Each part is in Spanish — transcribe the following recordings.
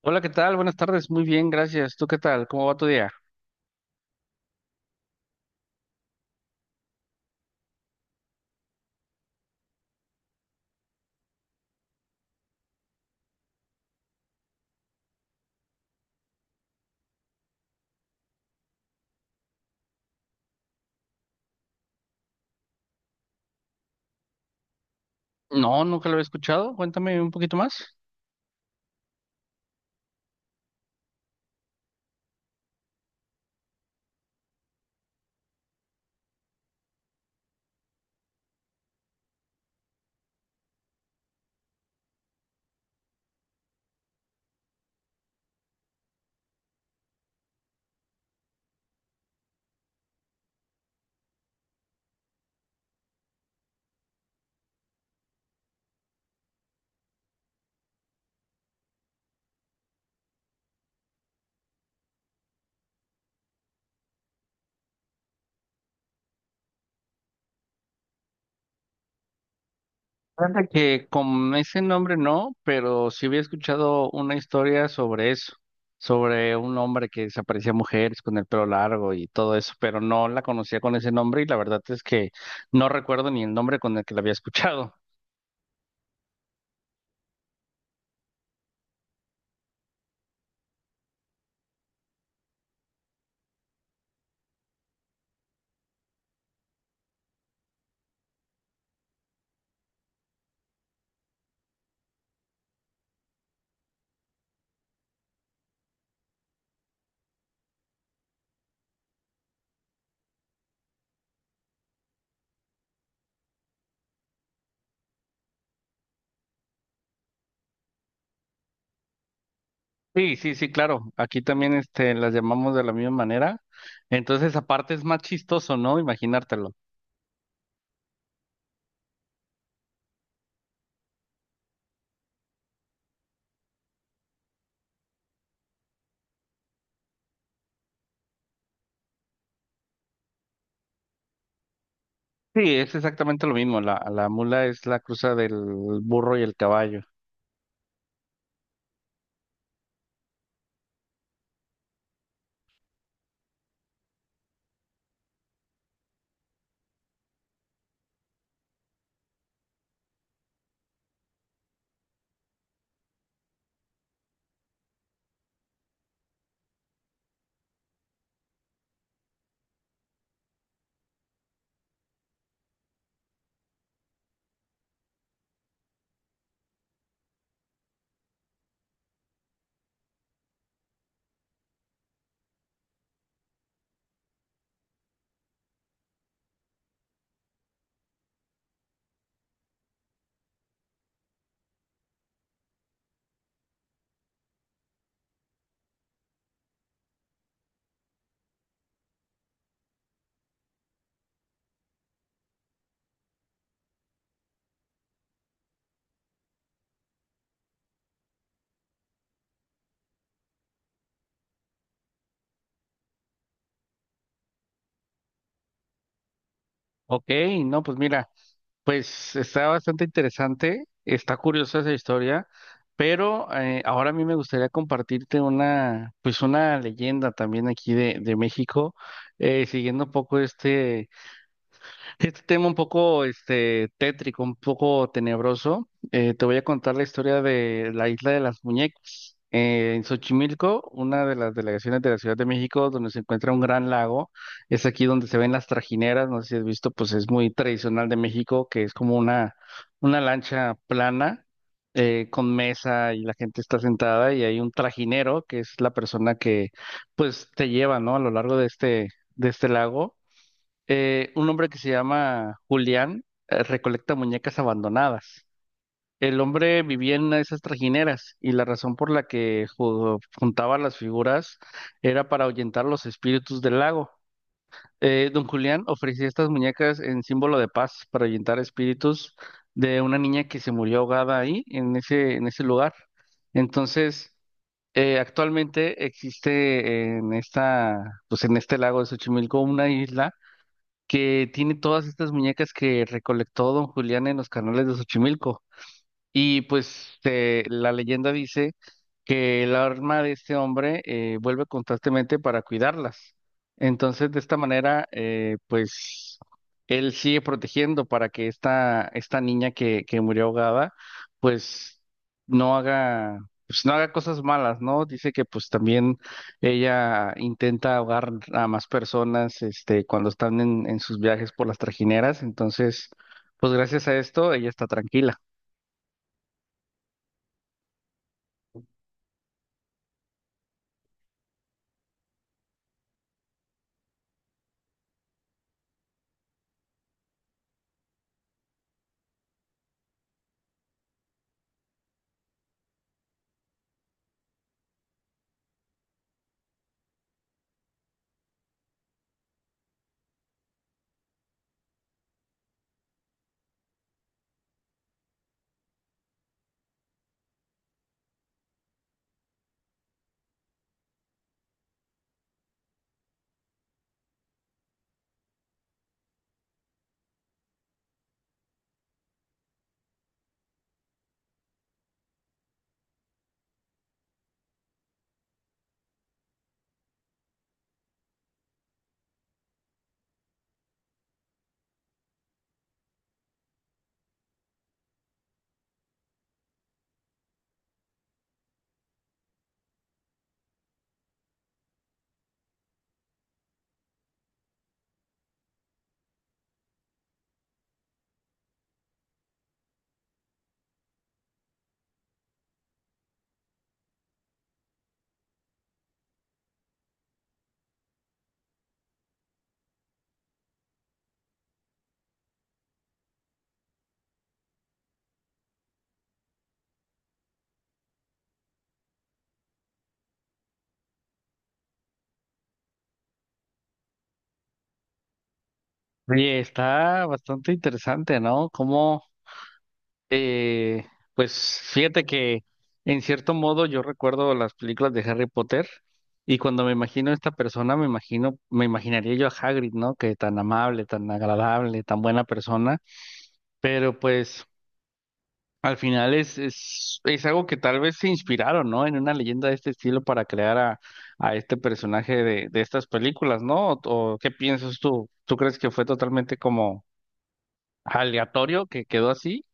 Hola, ¿qué tal? Buenas tardes. Muy bien, gracias. ¿Tú qué tal? ¿Cómo va tu día? No, nunca lo había escuchado. Cuéntame un poquito más. Fíjate que con ese nombre no, pero sí había escuchado una historia sobre eso, sobre un hombre que desaparecía mujeres con el pelo largo y todo eso, pero no la conocía con ese nombre y la verdad es que no recuerdo ni el nombre con el que la había escuchado. Sí, sí, sí, claro. Aquí también este, las llamamos de la misma manera. Entonces, aparte es más chistoso, ¿no? Imaginártelo. Sí, es exactamente lo mismo. La mula es la cruza del burro y el caballo. Ok, no, pues mira, pues está bastante interesante, está curiosa esa historia, pero ahora a mí me gustaría compartirte una, pues una leyenda también aquí de México, siguiendo un poco este, este tema un poco este, tétrico, un poco tenebroso. Te voy a contar la historia de la isla de las muñecas. En Xochimilco, una de las delegaciones de la Ciudad de México, donde se encuentra un gran lago, es aquí donde se ven las trajineras, no sé si has visto, pues es muy tradicional de México, que es como una lancha plana con mesa y la gente está sentada y hay un trajinero, que es la persona que pues te lleva, ¿no? A lo largo de este lago. Un hombre que se llama Julián recolecta muñecas abandonadas. El hombre vivía en esas trajineras y la razón por la que ju- juntaba las figuras era para ahuyentar los espíritus del lago. Don Julián ofrecía estas muñecas en símbolo de paz para ahuyentar espíritus de una niña que se murió ahogada ahí, en ese lugar. Entonces, actualmente existe en esta, pues en este lago de Xochimilco una isla que tiene todas estas muñecas que recolectó don Julián en los canales de Xochimilco. Y pues la leyenda dice que el arma de este hombre vuelve constantemente para cuidarlas. Entonces, de esta manera, pues él sigue protegiendo para que esta niña que murió ahogada, pues no haga, pues no haga cosas malas, ¿no? Dice que pues también ella intenta ahogar a más personas, este, cuando están en sus viajes por las trajineras. Entonces, pues gracias a esto, ella está tranquila. Oye, está bastante interesante, ¿no? Como, eh, pues fíjate que en cierto modo yo recuerdo las películas de Harry Potter y cuando me imagino a esta persona, me imagino, me imaginaría yo a Hagrid, ¿no? Que tan amable, tan agradable, tan buena persona, pero pues al final es algo que tal vez se inspiraron, ¿no? En una leyenda de este estilo para crear a este personaje de estas películas, ¿no? O qué piensas tú? ¿Tú crees que fue totalmente como aleatorio que quedó así?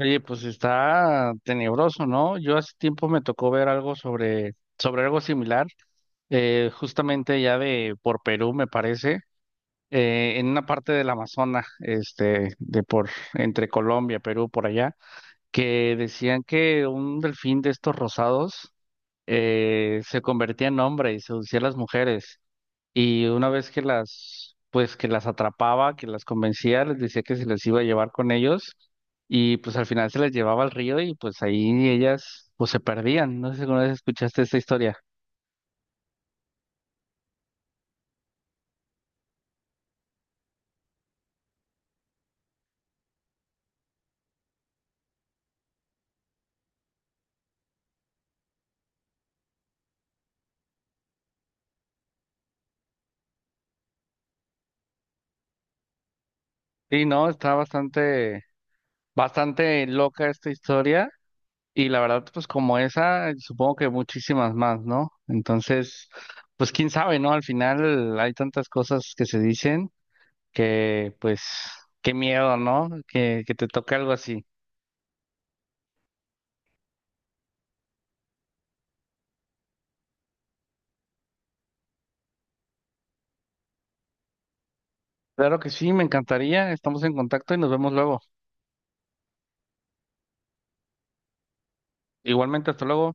Oye, pues está tenebroso, ¿no? Yo hace tiempo me tocó ver algo sobre, sobre algo similar, justamente ya de por Perú, me parece, en una parte del Amazonas, este, de por, entre Colombia, Perú, por allá, que decían que un delfín de estos rosados se convertía en hombre y seducía a las mujeres. Y una vez que las, pues que las atrapaba, que las convencía, les decía que se les iba a llevar con ellos y pues al final se les llevaba al río y pues ahí ellas pues se perdían. No sé si alguna vez escuchaste esta historia. Sí, no, está bastante, bastante loca esta historia y la verdad pues como esa, supongo que muchísimas más, ¿no? Entonces, pues quién sabe, ¿no? Al final hay tantas cosas que se dicen que pues qué miedo, ¿no? Que te toque algo así. Claro que sí, me encantaría. Estamos en contacto y nos vemos luego. Igualmente, hasta luego.